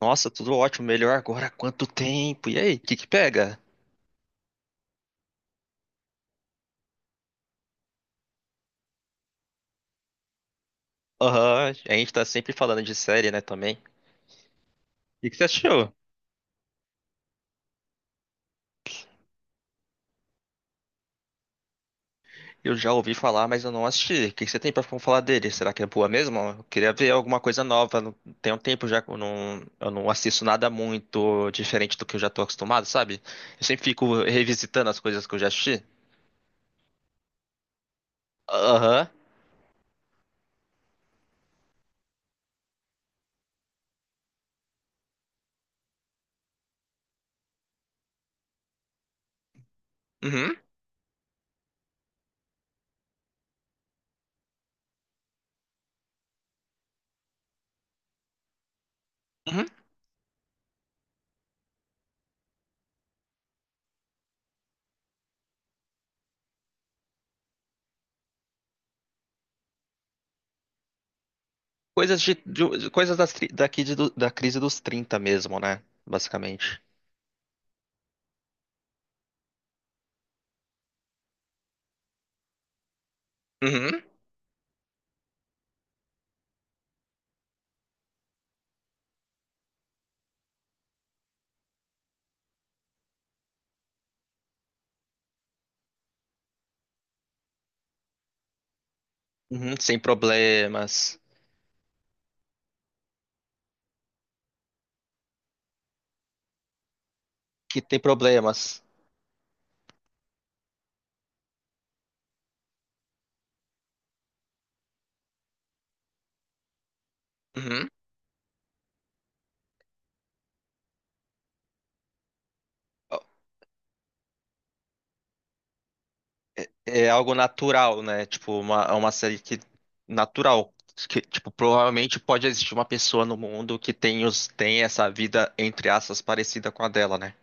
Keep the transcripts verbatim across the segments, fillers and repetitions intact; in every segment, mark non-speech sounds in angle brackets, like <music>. Nossa, tudo ótimo, melhor agora, quanto tempo? E aí, o que que pega? Aham, a gente tá sempre falando de série, né, também. O que que você assistiu? Eu já ouvi falar, mas eu não assisti. O que que você tem pra falar dele? Será que é boa mesmo? Eu queria ver alguma coisa nova. Não- Tem um tempo já que eu não, eu não assisto nada muito diferente do que eu já tô acostumado, sabe? Eu sempre fico revisitando as coisas que eu já assisti. Aham. Uhum. Uhum. Coisas de, de- coisas das tri- daqui de- do- da crise dos trinta, mesmo, né? Basicamente. Uhum. Uhum, sem problemas. Que tem problemas. Uhum. É algo natural, né? Tipo, uma, é uma série que natural. Que, tipo, provavelmente pode existir uma pessoa no mundo que tem, os, tem essa vida, entre aspas, parecida com a dela, né?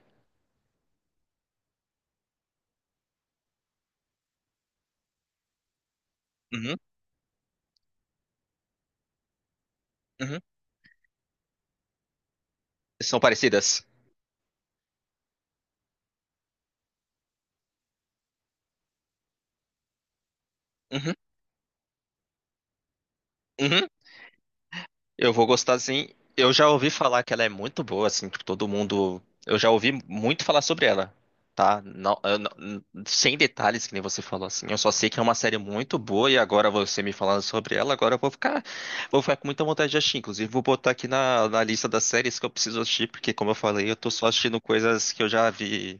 Uhum, uhum. São parecidas. Uhum, uhum. Eu vou gostar sim. Eu já ouvi falar que ela é muito boa, assim, tipo, todo mundo. Eu já ouvi muito falar sobre ela, tá? Não, eu não- sem detalhes, que nem você falou, assim. Eu só sei que é uma série muito boa e agora você me falando sobre ela, agora eu vou ficar, vou ficar com muita vontade de assistir. Inclusive, vou botar aqui na, na lista das séries que eu preciso assistir, porque, como eu falei, eu tô só assistindo coisas que eu já vi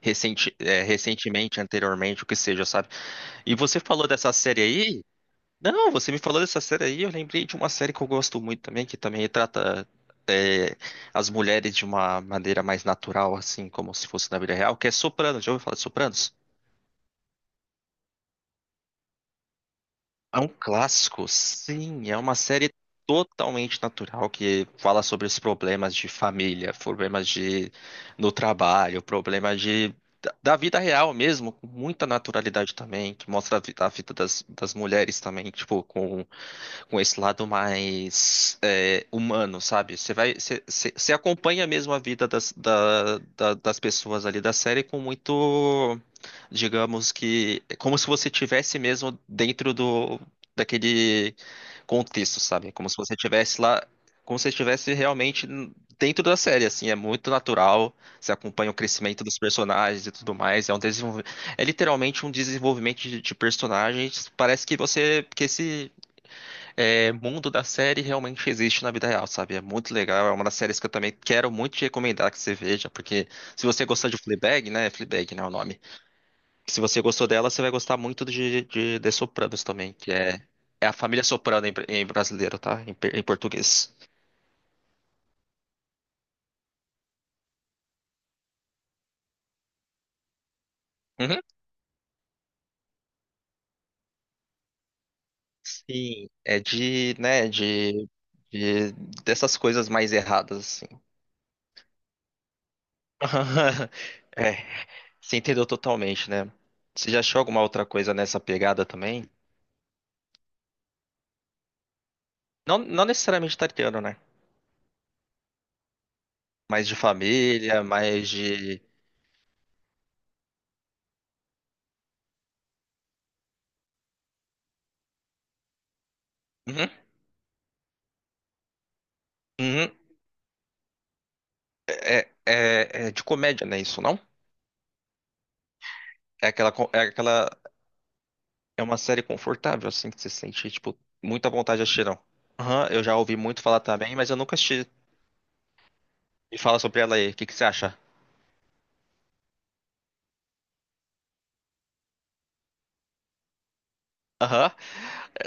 recente, é, recentemente, anteriormente, o que seja, sabe? E você falou dessa série aí. Não, você me falou dessa série aí, eu lembrei de uma série que eu gosto muito também, que também retrata é, as mulheres de uma maneira mais natural, assim, como se fosse na vida real, que é Sopranos. Já ouviu falar de Sopranos? É um clássico, sim, é uma série totalmente natural que fala sobre os problemas de família, problemas de no trabalho, problemas de da da vida real mesmo, com muita naturalidade também, que mostra a vida, a vida das, das mulheres também, tipo, com com esse lado mais é, humano, sabe? Você vai, você, você- você acompanha mesmo a vida das, da- da- das pessoas ali da série com muito, digamos que, é como se você tivesse mesmo dentro do daquele contexto, sabe? Como se você tivesse lá, como se você estivesse realmente n- dentro da série, assim, é muito natural. Você acompanha o crescimento dos personagens e tudo mais. É um desenvolv... é literalmente um desenvolvimento de, de personagens. Parece que você, que esse é, mundo da série realmente existe na vida real, sabe? É muito legal, é uma das séries que eu também quero muito te recomendar que você veja, porque se você gostar de Fleabag, né? Fleabag, né, é o nome. Se você gostou dela, você vai gostar muito de, de The Sopranos também, que é, é a família Soprano em, br- em brasileiro, tá? Em, pe- em português. Uhum. Sim, é de, né, de, de- dessas coisas mais erradas, assim. <laughs> É, você entendeu totalmente, né? Você já achou alguma outra coisa nessa pegada também? Não, não necessariamente italiano, né? Mais de família, mais de. Uhum, uhum. É, é, é de comédia, né? Isso não? É aquela, co- é aquela. É uma série confortável, assim, que você sente, tipo, muita vontade de assistir, não. Aham, eu já ouvi muito falar também, mas eu nunca assisti. Me fala sobre ela aí, o que que você acha? Aham,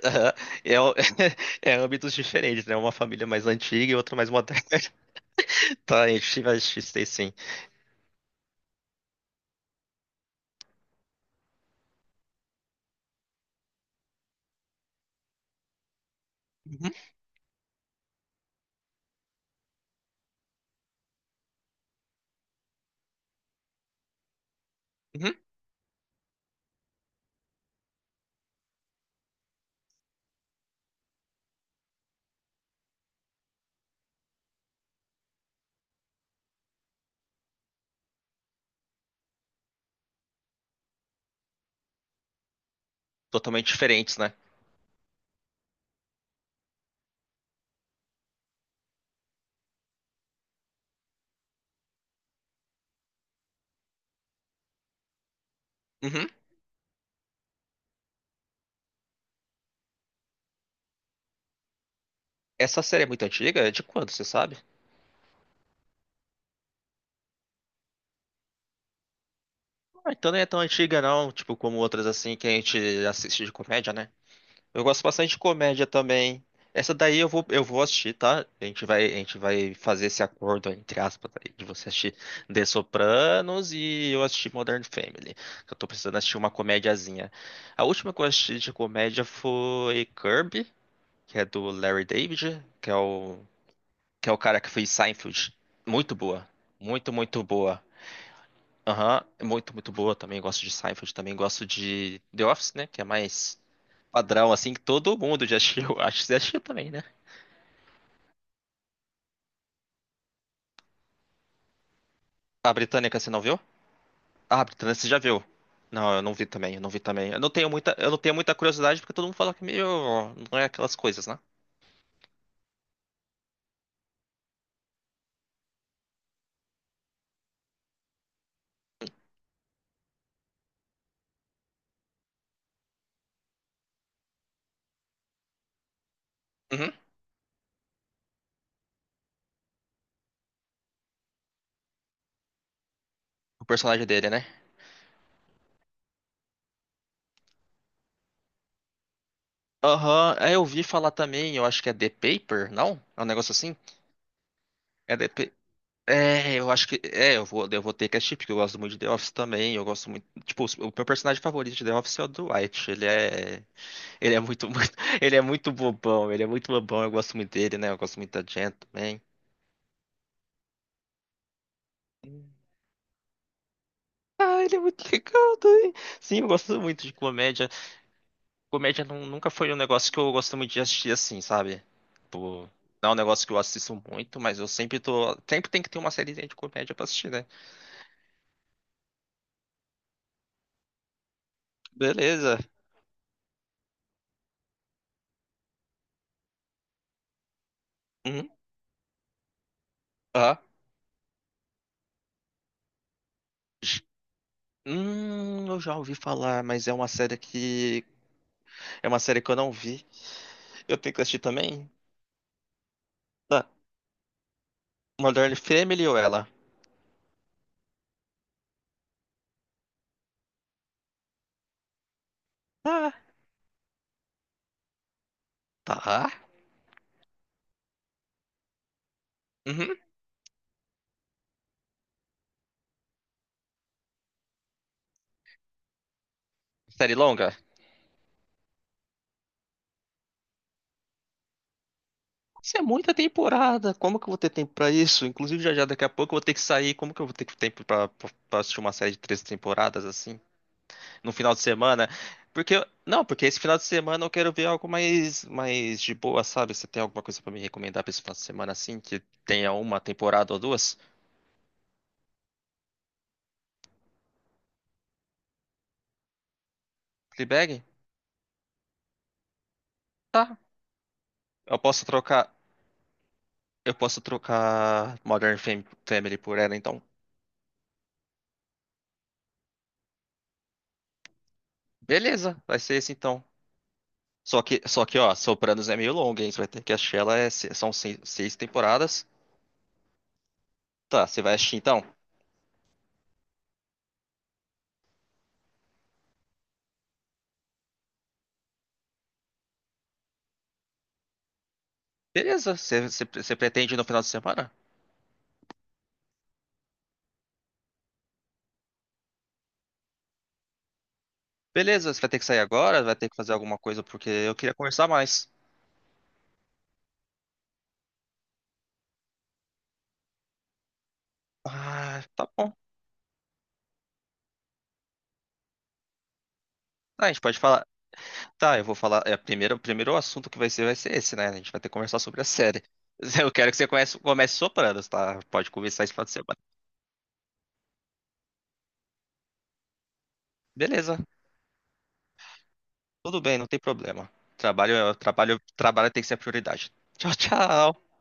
aham. É, o- <laughs> é âmbitos diferentes, né? Uma família mais antiga e outra mais moderna. <laughs> Tá, a gente vai assistir isso aí, sim. Uhum, uhum. Totalmente diferentes, né? Uhum. Essa série é muito antiga? É de quando, você sabe? Ah, então não é tão antiga não, tipo como outras assim que a gente assiste de comédia, né? Eu gosto bastante de comédia também. Essa daí eu vou, eu vou assistir, tá? A gente vai, a gente vai fazer esse acordo, entre aspas, aí, de você assistir The Sopranos e eu assistir Modern Family. Que eu tô precisando assistir uma comediazinha. A última que eu assisti de comédia foi Curb, que é do Larry David, que é o, que é o cara que fez Seinfeld. Muito boa. Muito, muito boa. Aham, é muito, muito boa também. Gosto de Seinfeld, também gosto de The Office, né? Que é mais padrão, assim, que todo mundo já assistiu. <laughs> Acho que você assistiu também, né? A britânica, você não viu? Ah, a britânica, você já viu? Não, eu não vi também, eu não vi também. Eu não tenho muita, eu não tenho muita curiosidade, porque todo mundo fala que é meio... Não é aquelas coisas, né? Uhum. O personagem dele, né? Aham, é, eu vi falar também, eu acho que é The Paper, não? É um negócio assim? É The, É, eu acho que. É, eu vou, eu vou ter que assistir, porque eu gosto muito de The Office também. Eu gosto muito. Tipo, o meu personagem favorito de The Office é o Dwight. Ele é. Ele é muito, <laughs> muito. Ele é muito bobão. Ele é muito bobão. Eu gosto muito dele, né? Eu gosto muito da Jen também. Ah, ele é muito <laughs> legal também. Sim, eu gosto muito de comédia. Comédia nu- nunca foi um negócio que eu gosto muito de assistir assim, sabe? Tipo, não é um negócio que eu assisto muito, mas eu sempre tô. Sempre tem que ter uma série de comédia pra assistir, né? Beleza. Uhum. Ah. Hum, eu já ouvi falar, mas é uma série que. É uma série que eu não vi. Eu tenho que assistir também? Tá. Modern Family ou ela? Ah, tá. Uhum. Série longa? Isso é muita temporada. Como que eu vou ter tempo pra isso? Inclusive, já já daqui a pouco eu vou ter que sair. Como que eu vou ter tempo pra, pra pra assistir uma série de três temporadas assim? No final de semana? Porque. eu- Não, porque esse final de semana eu quero ver algo mais, mais de boa, sabe? Você tem alguma coisa pra me recomendar pra esse final de semana assim? Que tenha uma temporada ou duas? Fleabag? Tá. Eu posso trocar. Eu posso trocar Modern Fam- Family por ela, então. Beleza, vai ser esse então. Só que, só que, ó, Sopranos é meio longo, hein? Você vai ter que assistir ela, é se- são seis, seis temporadas. Tá, você vai assistir então? Beleza, você você- você pretende ir no final de semana? Beleza, você vai ter que sair agora, vai ter que fazer alguma coisa, porque eu queria conversar mais. Ah, tá bom. Ah, a gente pode falar. Tá, eu vou falar. É, primeiro, o primeiro assunto que vai ser vai ser esse, né? A gente vai ter que conversar sobre a série. <laughs> Eu quero que você comece, comece Sopranos, tá? Pode conversar esse final de semana. Beleza, tudo bem, não tem problema. Trabalho, é- trabalho, trabalho tem que ser a prioridade. Tchau, tchau.